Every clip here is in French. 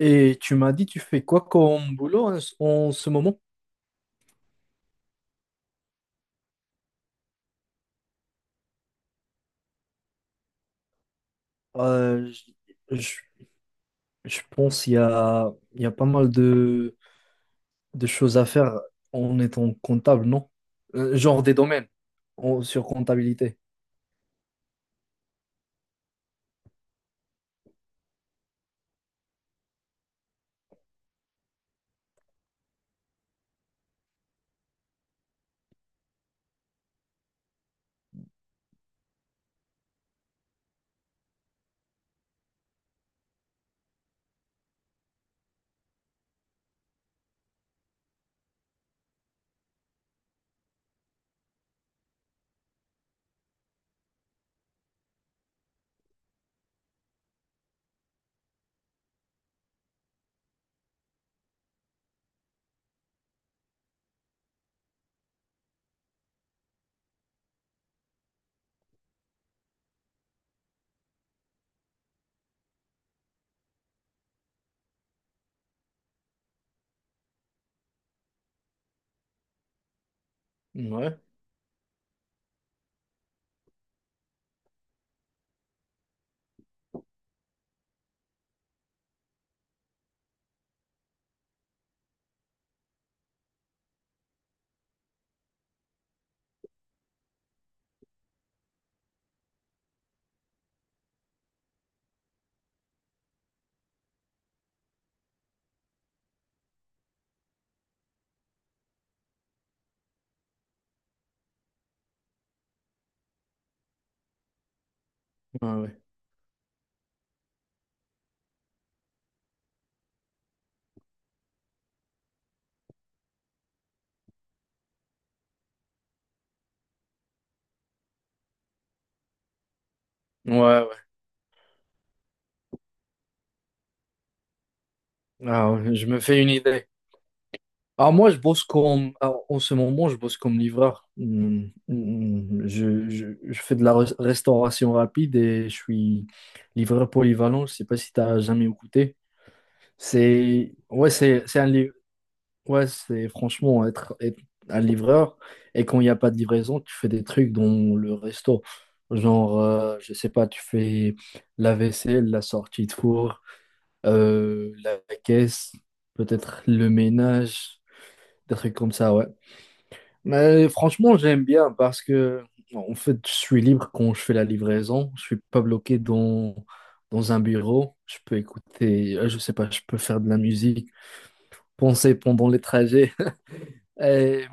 Et tu m'as dit, tu fais quoi comme boulot en ce moment? Euh, je, je- je pense qu'il y a, il y a pas mal de choses à faire en étant comptable, non? Genre des domaines sur comptabilité. Ouais, ouais. Ouais. Ah ouais, je me fais une idée. Ah moi, je bosse comme... Alors, en ce moment, je bosse comme livreur. Hmm, hmm. Je fais de la restauration rapide et je suis livreur polyvalent. Je sais pas si tu as jamais écouté. C'est... Ouais, c'est un ouais, c'est franchement être, être un livreur. Et quand il n'y a pas de livraison, tu fais des trucs dans le resto. Genre, je sais pas, tu fais la vaisselle, la sortie de four, la caisse, peut-être le ménage, des trucs comme ça, ouais. Mais franchement, j'aime bien parce que, en fait, je suis libre quand je fais la livraison. Je suis pas bloqué dans, dans un bureau. Je peux écouter, je sais pas, je peux faire de la musique, penser pendant les trajets. Et-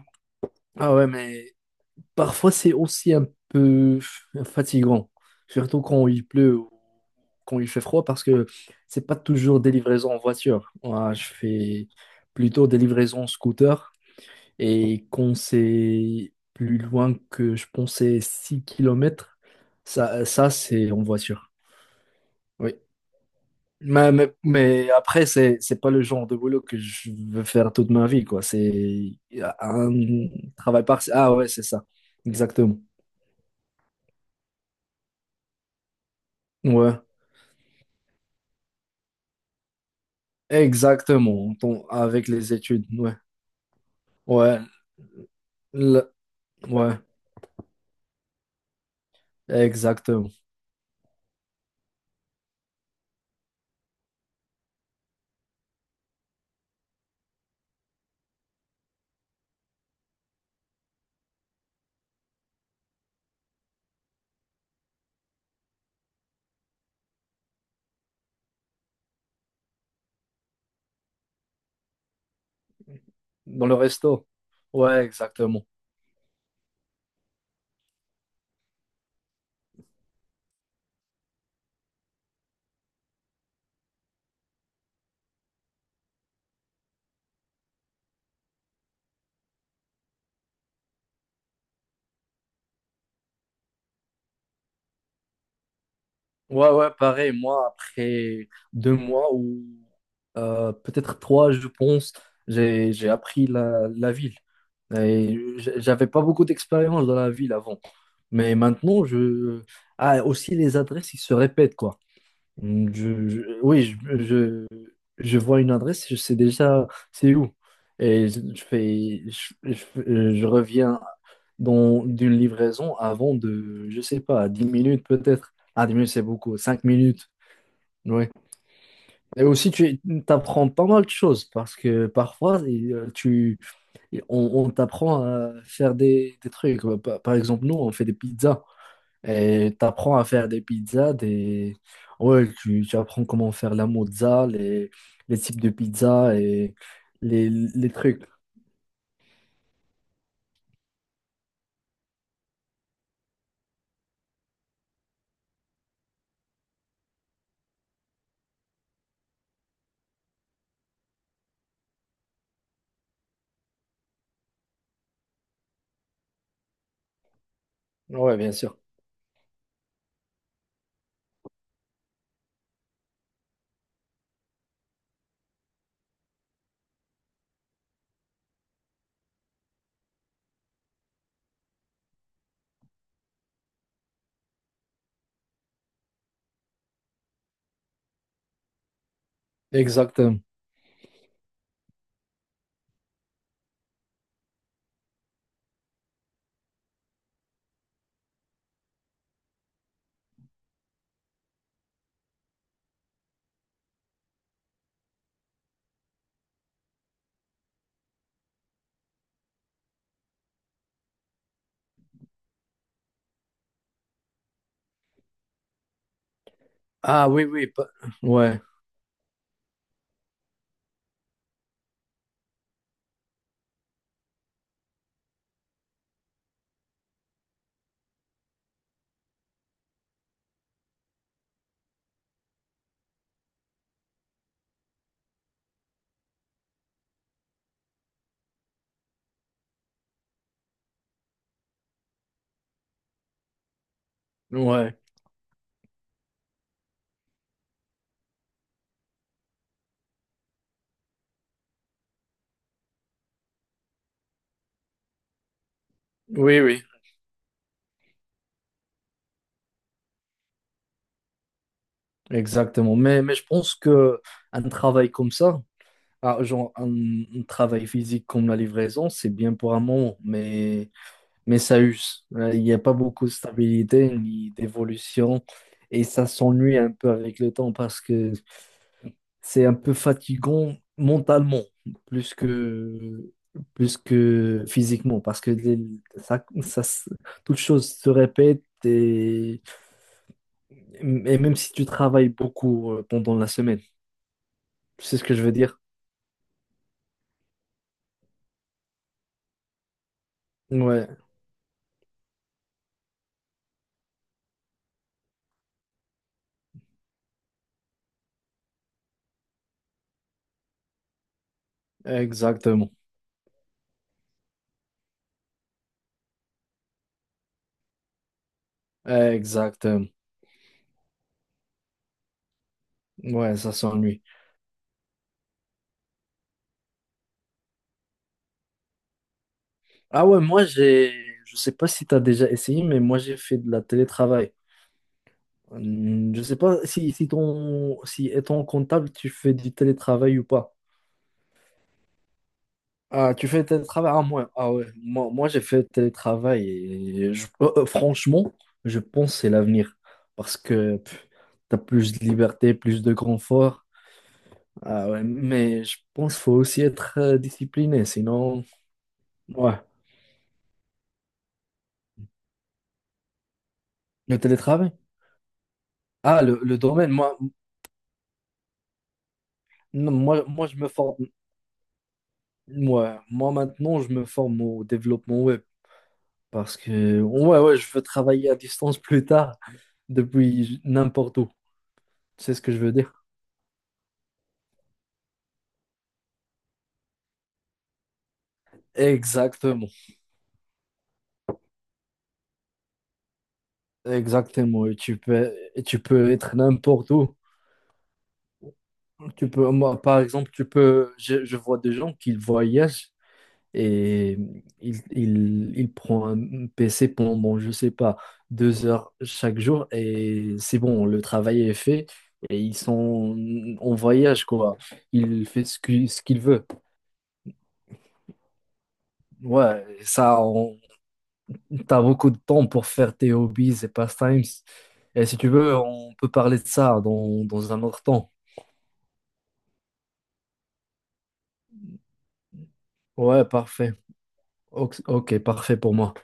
ouais, mais parfois, c'est aussi un peu fatigant, surtout quand il pleut ou quand il fait froid, parce que c'est pas toujours des livraisons en voiture. Moi, je fais plutôt des livraisons en scooter, et quand c'est plus loin que je pensais 6 kilomètres, ça c'est en voiture. Oui. Mais après, c'est pas le genre de boulot que je veux faire toute ma vie, quoi. C'est un travail partiel. Ah ouais, c'est ça. Exactement. Ouais. Exactement, avec les études, ouais. Ouais, le- ouais, exactement. Dans le resto. Ouais, exactement. Ouais, ouais, pareil, moi, après deux mois ou peut-être trois, je pense, j'ai appris la, la ville. Et j'avais pas beaucoup d'expérience dans la ville avant. Mais maintenant, je... Ah, aussi, les adresses, ils se répètent, quoi. Mm. Je vois une adresse, je sais déjà c'est où. Et je fais, je reviens d'une livraison avant de, je sais pas, 10 minutes peut-être. Ah, 10 minutes, c'est beaucoup, 5 minutes. Oui. Et aussi, tu apprends pas mal de choses parce que parfois, on t'apprend à faire des trucs. Par exemple, nous, on fait des pizzas. Et tu apprends à faire des pizzas, des... Ouais, tu apprends comment faire la mozza, les types de pizzas et les trucs. Ouais, bien sûr. Exactement. Ah oui, oui. Ouais, ouais. Oui, oui. Exactement. Mais je pense que un travail comme ça, ah, genre un travail physique comme la livraison, c'est bien pour un moment, mais ça use. Il n'y a pas beaucoup de stabilité ni d'évolution. Et ça s'ennuie un peu avec le temps parce que c'est un peu fatigant mentalement, plus que, plus que physiquement, parce que ça, ça, se- toute chose se répète et même si tu travailles beaucoup pendant la semaine, tu sais ce que je veux dire? Ouais, exactement. Exactement. Ouais, ça s'ennuie. Ah ouais, moi j'ai, je sais pas si tu as déjà essayé, mais moi j'ai fait de la télétravail. Hum. Je sais pas si, si étant comptable, tu fais du télétravail ou pas. Ah, tu fais télétravail? Ah, moi, ah ouais. Moi j'ai fait télétravail et franchement, je pense que c'est l'avenir parce que tu as plus de liberté, plus de confort. Ah ouais, mais je pense qu'il faut aussi être discipliné, sinon, ouais, le télétravail. Ah, le domaine, moi, non, moi, moi, je me forme, moi, moi maintenant, je me forme au développement web parce que, ouais, ouais, je veux travailler à distance plus tard depuis n'importe où, c'est ce que je veux dire. Exactement. Exactement, et tu peux être n'importe où. Tu peux, moi, par exemple, tu peux, je vois des gens qui voyagent et ils prennent un PC pendant, je sais pas, 2 heures chaque jour et c'est bon, le travail est fait et ils sont en voyage, quoi. Il fait ce qu'il veut. Ouais, t'as beaucoup de temps pour faire tes hobbies et pastimes. Et si tu veux, on peut parler de ça dans, dans un autre temps. Ouais, parfait. Ok, ok, parfait pour moi.